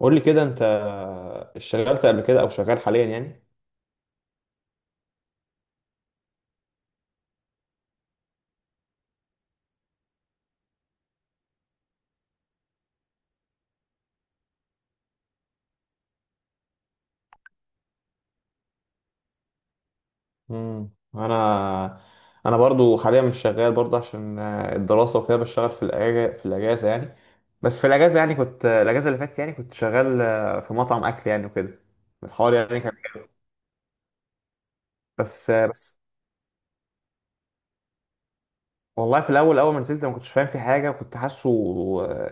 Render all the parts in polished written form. قول لي كده انت اشتغلت قبل كده او شغال حاليا يعني؟ امم انا انا برضو حاليا مش شغال برضو عشان الدراسه وكده. بشتغل في الاجازه يعني. بس في الاجازه يعني كنت آه، الاجازه اللي فاتت يعني كنت شغال في مطعم اكل يعني وكده. الحوار يعني كان بس بس والله في الاول اول ما نزلت ما كنتش فاهم في حاجه، كنت حاسه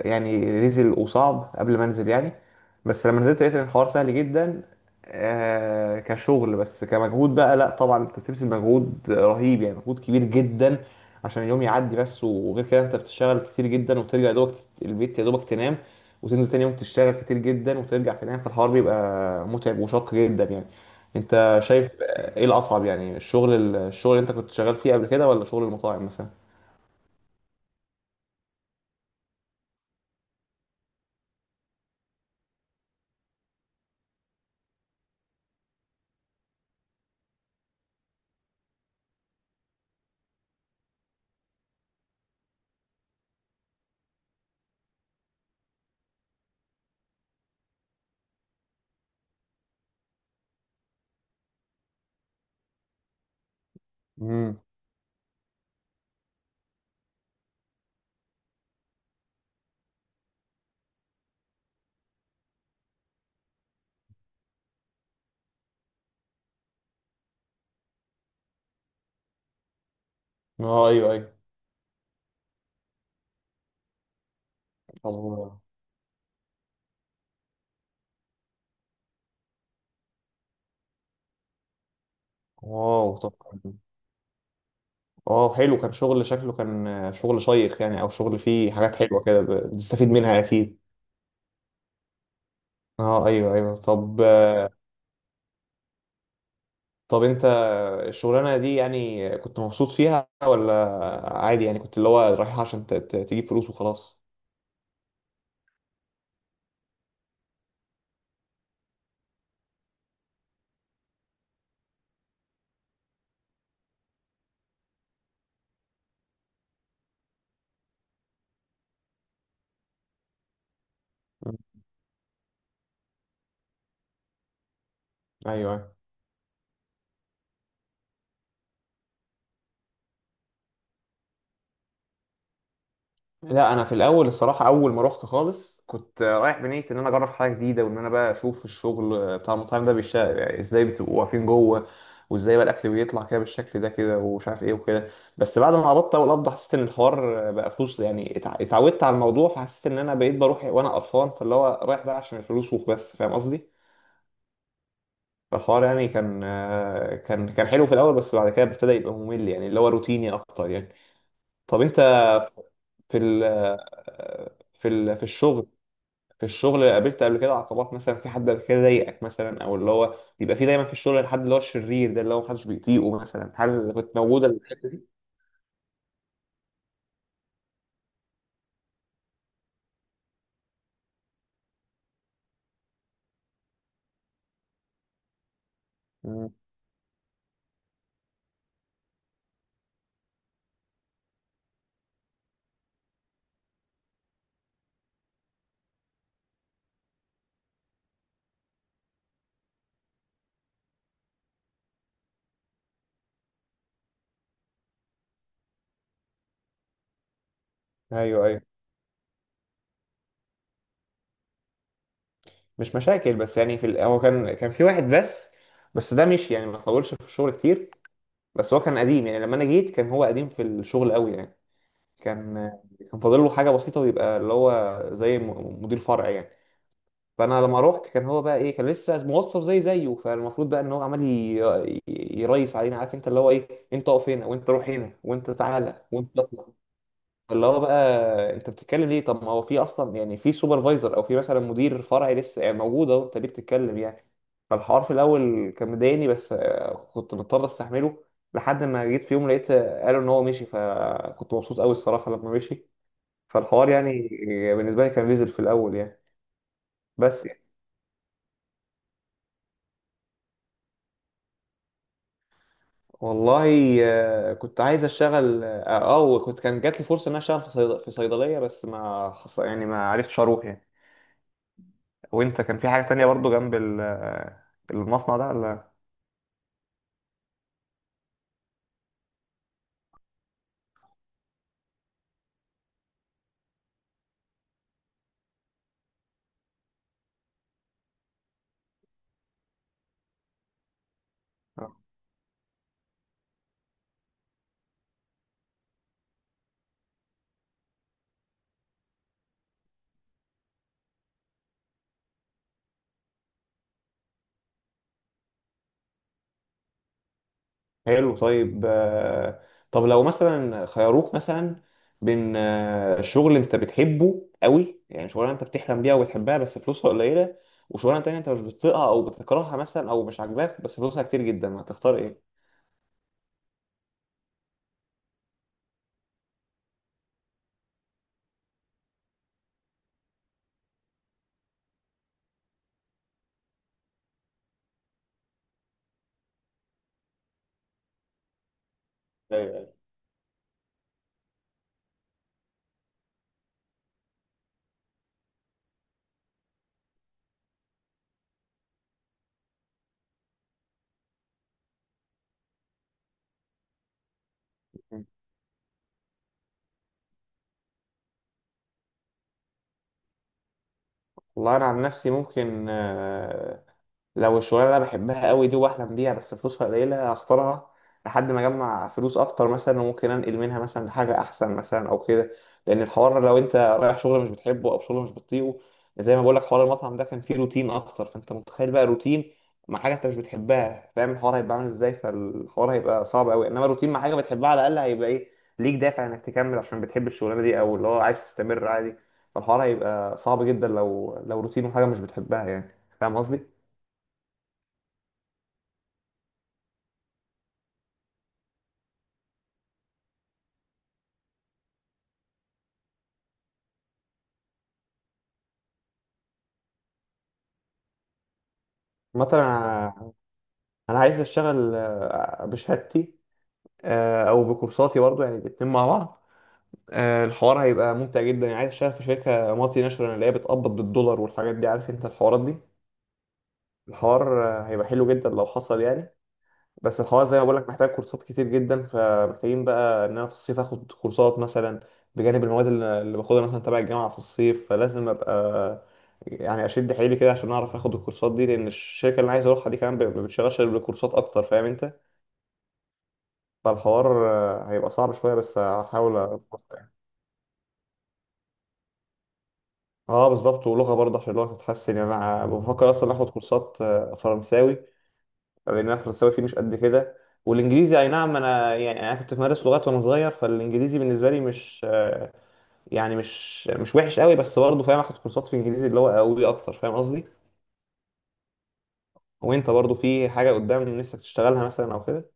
يعني ريزل وصعب قبل ما انزل يعني. بس لما نزلت لقيت ان الحوار سهل جدا. كشغل، بس كمجهود بقى لا، طبعا انت بتبذل مجهود رهيب يعني، مجهود كبير جدا عشان اليوم يعدي بس. وغير كده انت بتشتغل كتير جدا وترجع يا دوبك البيت، يا دوبك تنام، وتنزل تاني يوم تشتغل كتير جدا وترجع تنام. فالحوار بيبقى متعب وشاق جدا يعني. انت شايف ايه الاصعب يعني، الشغل اللي انت كنت شغال فيه قبل كده، ولا شغل المطاعم مثلا؟ امم اه، ايوه ايوه. الله. واو، طب. اه، حلو، كان شغل شكله كان شغل شيق يعني، او شغل فيه حاجات حلوه كده بتستفيد منها اكيد. اه، ايوه ايوه، طب انت الشغلانه دي يعني كنت مبسوط فيها، ولا عادي يعني كنت اللي هو رايح عشان تجيب فلوس وخلاص؟ مم. ايوه، أيوة. لا، انا في الاول الصراحه اول ما رحت خالص كنت رايح بنيه ان انا اجرب حاجه جديده، وان انا بقى اشوف الشغل بتاع المطاعم ده بيشتغل يعني ازاي، بتبقوا واقفين جوه، وازاي بقى الاكل بيطلع كده بالشكل ده كده، ومش عارف ايه وكده. بس بعد ما قبضت اول قبضه حسيت ان الحوار بقى فلوس يعني، اتعودت على الموضوع. فحسيت ان انا بقيت بروح وانا قرفان، فاللي هو رايح بقى عشان الفلوس وبس، فاهم قصدي؟ فالحوار يعني كان، كان حلو في الاول، بس بعد كده ابتدى يبقى ممل يعني اللي هو روتيني اكتر يعني. طب انت في ال في الشغل، قابلت قبل كده عقبات مثلا، في حد قبل كده ضايقك مثلا، او اللي هو بيبقى في دايما في الشغل، الحد اللي هو الشرير ده اللي هو محدش بيطيقه مثلا، هل كنت موجوده؟ مم. ايوه ايوه. مش مشاكل، بس يعني هو كان في واحد بس، بس ده مشي يعني، ما طولش في الشغل كتير. بس هو كان قديم يعني، لما انا جيت كان هو قديم في الشغل قوي يعني. كان كان فاضل له حاجه بسيطه ويبقى اللي هو زي مدير فرع يعني. فانا لما روحت كان هو بقى ايه، كان لسه موظف زي زيه. فالمفروض بقى ان هو عمال يريس علينا، عارف انت، اللي هو ايه، انت اقف هنا وانت روح هنا وانت تعالى وانت اطلع، اللي هو بقى انت بتتكلم ليه؟ طب ما هو في اصلا يعني في سوبرفايزر او في مثلا مدير فرعي لسه يعني موجود اهو، انت ليه بتتكلم يعني؟ فالحوار في الاول كان مضايقني، بس كنت مضطر استحمله. لحد ما جيت في يوم لقيت قالوا ان هو مشي، فكنت مبسوط قوي الصراحه لما مشي. فالحوار يعني بالنسبه لي كان نزل في الاول يعني. بس والله كنت عايز اشتغل كان جات لي فرصه ان انا اشتغل في صيدليه، بس ما حص... يعني ما عرفتش اروح يعني. وانت كان في حاجه تانية برضو جنب المصنع ده ولا؟ آه. حلو، طيب طب لو مثلا خيروك مثلا بين شغل انت بتحبه قوي يعني شغلانه انت بتحلم بيها وبتحبها بس فلوسها قليله، وشغلانه تانية انت مش بتطيقها او بتكرهها مثلا او مش عاجباك بس فلوسها كتير جدا، هتختار ايه؟ ايوه ايوه. والله انا عن نفسي ممكن لو الشغلانه اللي انا بحبها قوي دي واحلم بيها بس فلوسها قليله هختارها لحد ما اجمع فلوس اكتر مثلا، وممكن انقل منها مثلا لحاجه احسن مثلا او كده. لان الحوار لو انت رايح شغل مش بتحبه او شغل مش بتطيقه، زي ما بقول لك حوار المطعم ده كان فيه روتين اكتر، فانت متخيل بقى روتين مع حاجه انت مش بتحبها، فاهم الحوار هيبقى عامل ازاي؟ فالحوار هيبقى صعب قوي. انما روتين مع حاجه بتحبها على الاقل هيبقى ايه، ليك دافع انك تكمل عشان بتحب الشغلانه دي، او اللي هو عايز تستمر عادي. فالحوار هيبقى صعب جدا لو لو روتين وحاجه مش بتحبها يعني، فاهم قصدي؟ مثلا أنا عايز اشتغل بشهادتي، او بكورساتي برضو يعني الاتنين مع بعض. الحوار هيبقى ممتع جدا يعني، عايز اشتغل في شركه مالتي ناشونال اللي هي بتقبض بالدولار والحاجات دي، عارف انت الحوارات دي. الحوار هيبقى حلو جدا لو حصل يعني. بس الحوار زي ما بقول لك محتاج كورسات كتير جدا، فمحتاجين بقى ان انا في الصيف اخد كورسات مثلا بجانب المواد اللي باخدها مثلا تبع الجامعه في الصيف، فلازم ابقى يعني اشد حيلي كده عشان اعرف اخد الكورسات دي، لان الشركه اللي انا عايز اروحها دي كمان ما بتشغلش غير بالكورسات اكتر، فاهم انت؟ فالحوار هيبقى صعب شوية بس هحاول أظبطه يعني. اه، بالظبط، ولغة برضه عشان اللغة تتحسن يعني. انا بفكر اصلا اخد كورسات فرنساوي، لان انا فرنساوي فيه مش قد كده. والانجليزي اي نعم، انا يعني انا كنت بمارس لغات وانا صغير، فالانجليزي بالنسبة لي مش آه، يعني مش وحش قوي، بس برضه فاهم اخد كورسات في انجليزي اللي هو قوي اكتر، فاهم قصدي؟ وانت برضه في حاجة قدام نفسك تشتغلها مثلا او كده؟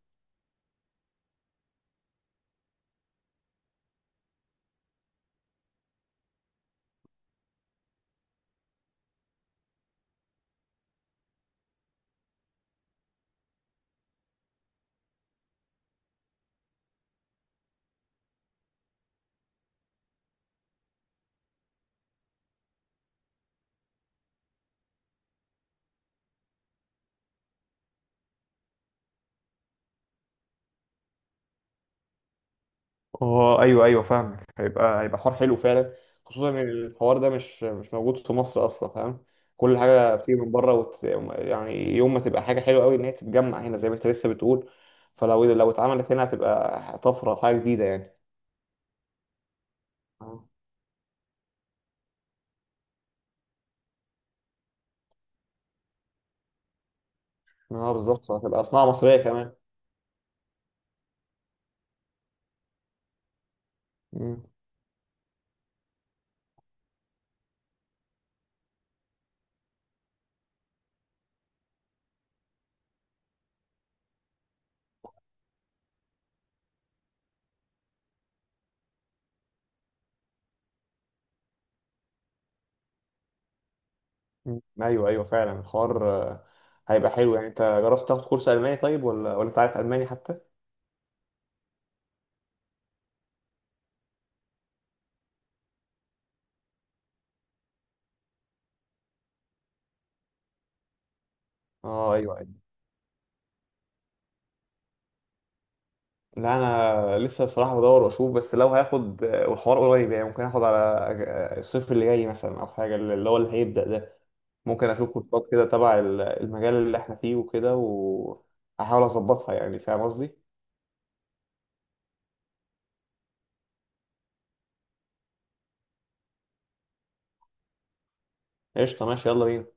اه، ايوه ايوه، فاهمك، هيبقى هيبق حوار حلو فعلا، خصوصا ان الحوار ده مش موجود في مصر اصلا، فاهم؟ كل حاجه بتيجي من بره يعني يوم ما تبقى حاجه حلوه قوي ان هي تتجمع هنا زي ما انت لسه بتقول. فلو لو اتعملت هنا هتبقى طفره، حاجه جديده يعني. اه. بالظبط، هتبقى صناعه مصريه كمان. مم. مم. ايوه ايوه، فعلا الحوار هيبقى حلو يعني. انت جربت تاخد كورس الماني طيب، ولا انت عارف الماني حتى؟ اه، ايوه. لا، انا لسه الصراحه بدور واشوف، بس لو هاخد والحوار قريب يعني، ممكن اخد على الصيف اللي جاي مثلا، او حاجه اللي هو اللي هيبدا ده. ممكن اشوف كورسات كده تبع المجال اللي احنا فيه وكده، واحاول اظبطها يعني، فاهم قصدي؟ قشطه، ماشي، يلا بينا.